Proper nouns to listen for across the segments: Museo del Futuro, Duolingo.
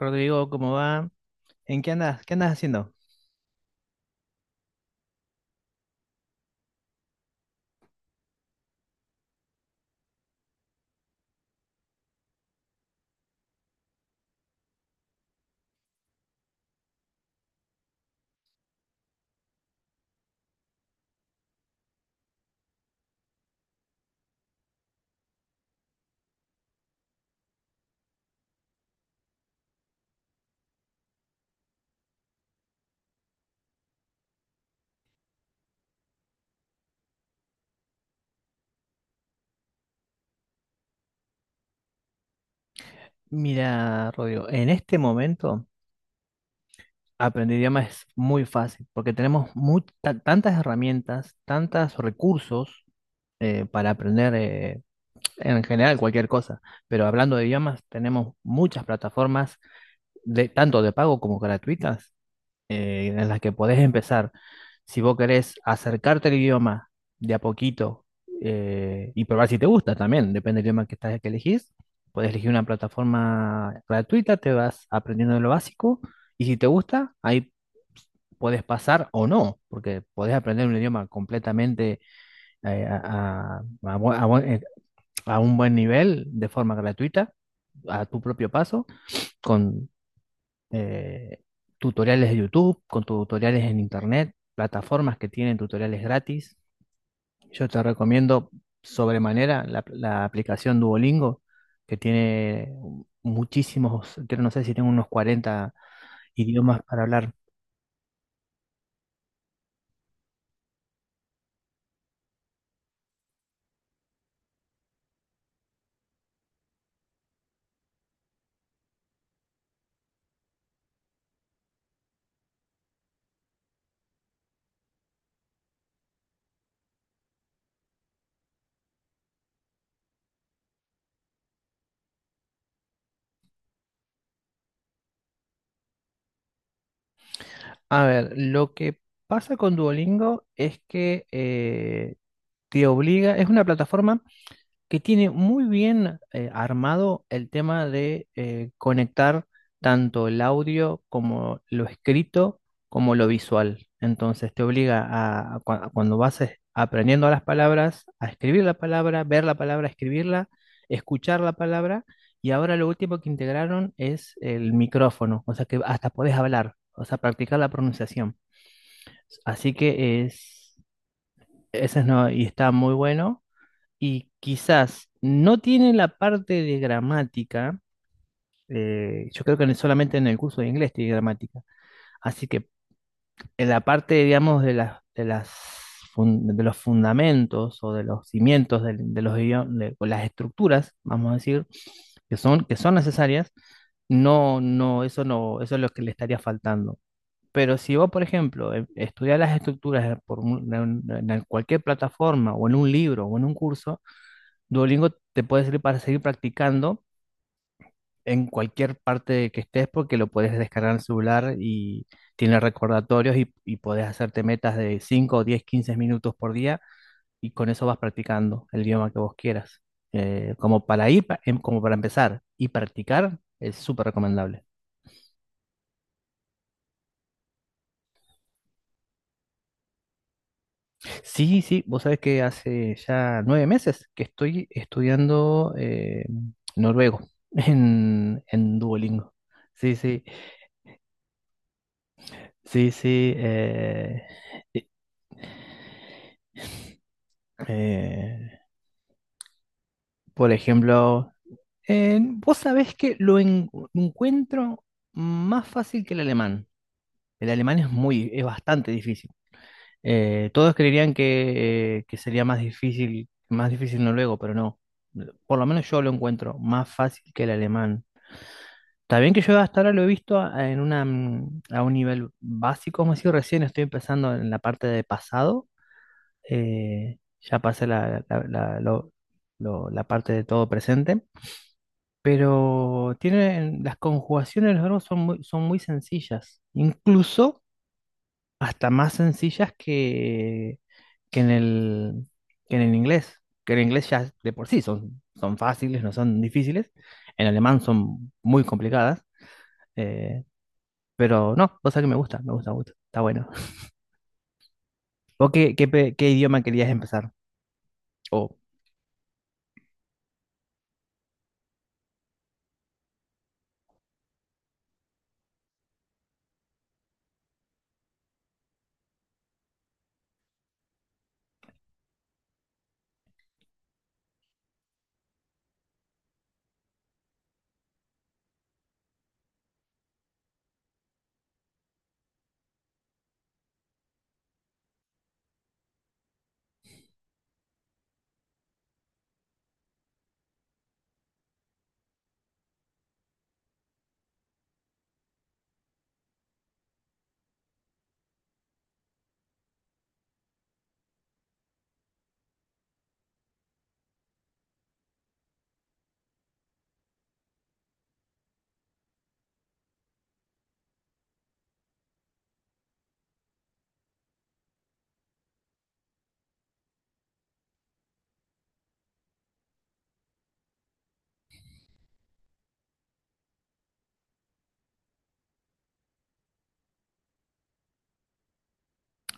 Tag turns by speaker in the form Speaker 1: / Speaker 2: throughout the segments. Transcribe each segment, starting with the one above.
Speaker 1: Rodrigo, ¿cómo va? ¿En qué andas? ¿Qué andas haciendo? Mira, Rodrigo, en este momento aprender idiomas es muy fácil porque tenemos tantas herramientas, tantos recursos para aprender en general cualquier cosa. Pero hablando de idiomas, tenemos muchas plataformas tanto de pago como gratuitas, en las que podés empezar. Si vos querés acercarte al idioma de a poquito y probar si te gusta también, depende del idioma que elegís, podés elegir una plataforma gratuita, te vas aprendiendo lo básico, y si te gusta, ahí podés pasar o no, porque podés aprender un idioma completamente eh, a, a- a bu- a buen- eh, a un buen nivel de forma gratuita, a tu propio paso, con eh, tutoriales de YouTube, con tutoriales en Internet, plataformas que tienen tutoriales gratis. Yo te recomiendo sobremanera la aplicación Duolingo, que tiene muchísimos, creo, no sé si tengo unos 40 idiomas para hablar. A ver, lo que pasa con Duolingo es que te obliga, es una plataforma que tiene muy bien armado el tema de conectar tanto el audio como lo escrito como lo visual. Entonces te obliga a, a cuando vas aprendiendo las palabras, a escribir la palabra, ver la palabra, escribirla, escuchar la palabra. Y ahora lo último que integraron es el micrófono, o sea que hasta podés hablar, o sea, practicar la pronunciación. Así que es, ese es no, y está muy bueno. Y quizás no tiene la parte de gramática. Yo creo que solamente en el curso de inglés tiene gramática, así que en la parte, digamos, de las de los fundamentos, o de los cimientos de los idiomas, o las estructuras, vamos a decir, que son necesarias, no, no, eso no, eso es lo que le estaría faltando. Pero si vos, por ejemplo, estudias las estructuras por un- en cualquier plataforma, o en un libro, o en un curso, Duolingo te puede servir para seguir practicando en cualquier parte que estés, porque lo puedes descargar en el celular y tiene recordatorios, y podés hacerte metas de 5, 10, 15 minutos por día, y con eso vas practicando el idioma que vos quieras. Como para ir, como para empezar y practicar, es súper recomendable. Sí, sí, vos sabés que hace ya 9 meses que estoy estudiando noruego en Duolingo. Sí, sí. Sí, sí. Eh, eh, por ejemplo, vos sabés que lo encuentro más fácil que el alemán. El alemán es bastante difícil. Todos creerían que sería más difícil, noruego, pero no. Por lo menos yo lo encuentro más fácil que el alemán. Está bien que yo hasta ahora lo he visto a un nivel básico, como si recién estoy empezando en la parte de pasado. Ya pasé la parte de todo presente, pero tienen, las conjugaciones de los verbos son muy sencillas, incluso hasta más sencillas que en el inglés ya de por sí son fáciles, no son difíciles. En alemán son muy complicadas. eh, pero no, cosa que me gusta, me gusta, me gusta, está bueno. ¿Vos qué, qué idioma querías empezar? O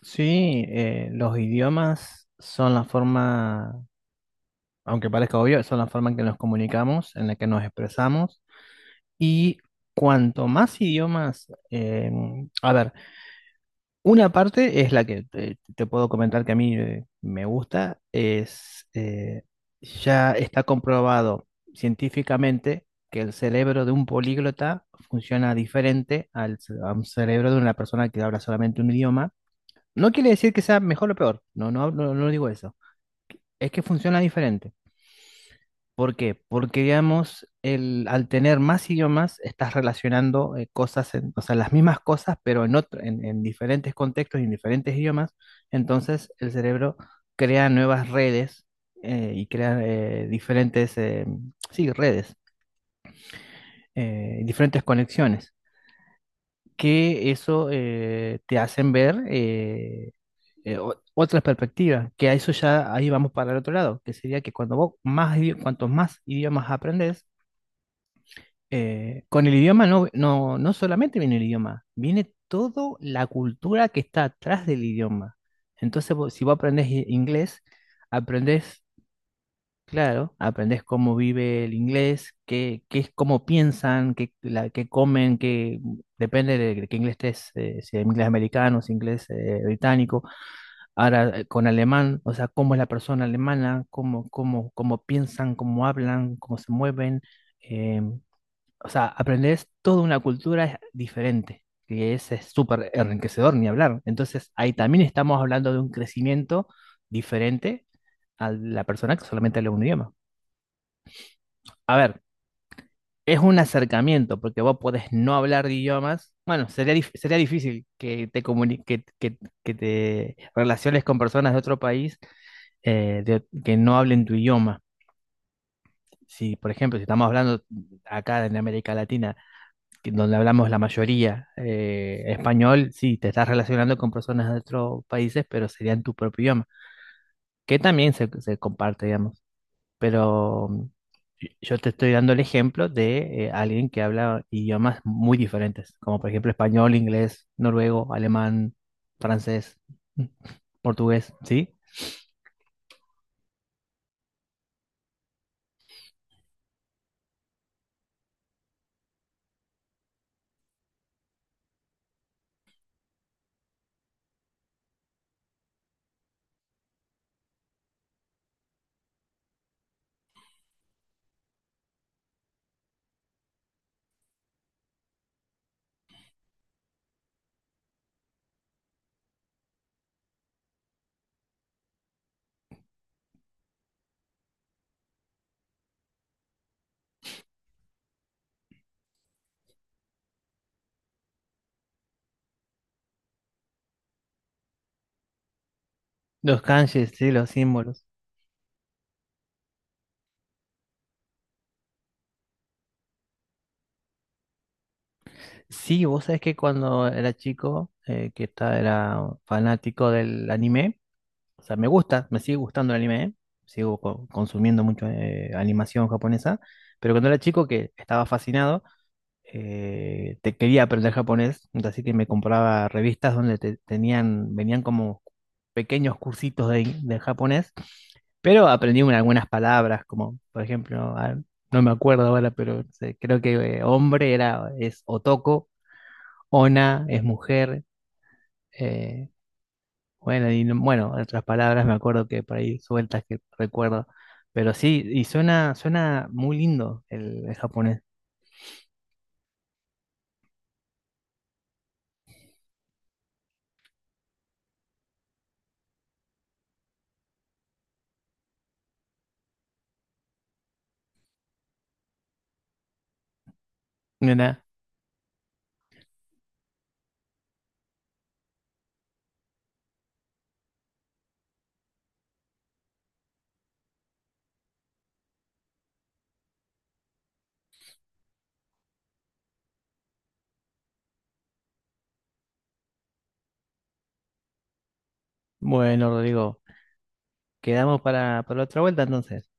Speaker 1: Sí, los idiomas son la forma, aunque parezca obvio, son la forma en que nos comunicamos, en la que nos expresamos. Y cuanto más idiomas, a ver, una parte es la que te puedo comentar que a mí me gusta, es ya está comprobado científicamente que el cerebro de un políglota funciona diferente a un cerebro de una persona que habla solamente un idioma. No quiere decir que sea mejor o peor, no, no, no, no digo eso. Es que funciona diferente. ¿Por qué? Porque, digamos, al tener más idiomas, estás relacionando cosas, o sea, las mismas cosas, pero en diferentes contextos y en diferentes idiomas. Entonces, el cerebro crea nuevas redes, y crea diferentes, sí, redes, diferentes conexiones, que eso te hacen ver, otras perspectivas, que a eso ya ahí vamos para el otro lado, que sería que cuando cuantos más idiomas aprendés, con el idioma no, no solamente viene el idioma, viene toda la cultura que está atrás del idioma. Entonces, si vos aprendés inglés, aprendés, claro, aprendés cómo vive el inglés, qué, qué es, cómo piensan, qué, qué comen, depende de qué inglés estés, si es inglés americano, si es inglés británico. Ahora, con alemán, o sea, cómo es la persona alemana, cómo piensan, cómo hablan, cómo se mueven. eh, o sea, aprendes toda una cultura diferente, que es súper enriquecedor, ni hablar. Entonces, ahí también estamos hablando de un crecimiento diferente a la persona que solamente habla un idioma. A ver, es un acercamiento, porque vos podés no hablar de idiomas. Bueno, sería difícil que que te relaciones con personas de otro país, que no hablen tu idioma. Si, por ejemplo, si estamos hablando acá en América Latina, donde hablamos la mayoría español, sí, te estás relacionando con personas de otros países, pero serían tu propio idioma, que también se comparte, digamos. Pero yo te estoy dando el ejemplo de alguien que habla idiomas muy diferentes, como por ejemplo español, inglés, noruego, alemán, francés, portugués, ¿sí? Los kanjis, sí, los símbolos. Sí, vos sabés que cuando era chico, que era fanático del anime. O sea, me gusta, me sigue gustando el anime, ¿eh? Sigo consumiendo mucho animación japonesa, pero cuando era chico que estaba fascinado, te quería aprender japonés, así que me compraba revistas donde venían como pequeños cursitos de japonés, pero aprendí algunas palabras, como por ejemplo, ah, no me acuerdo ahora, pero creo que hombre es otoko. Ona es mujer. eh, bueno, en otras palabras me acuerdo que por ahí sueltas que recuerdo. Pero sí, y suena muy lindo el japonés. Nena, bueno, Rodrigo, quedamos para otra vuelta entonces.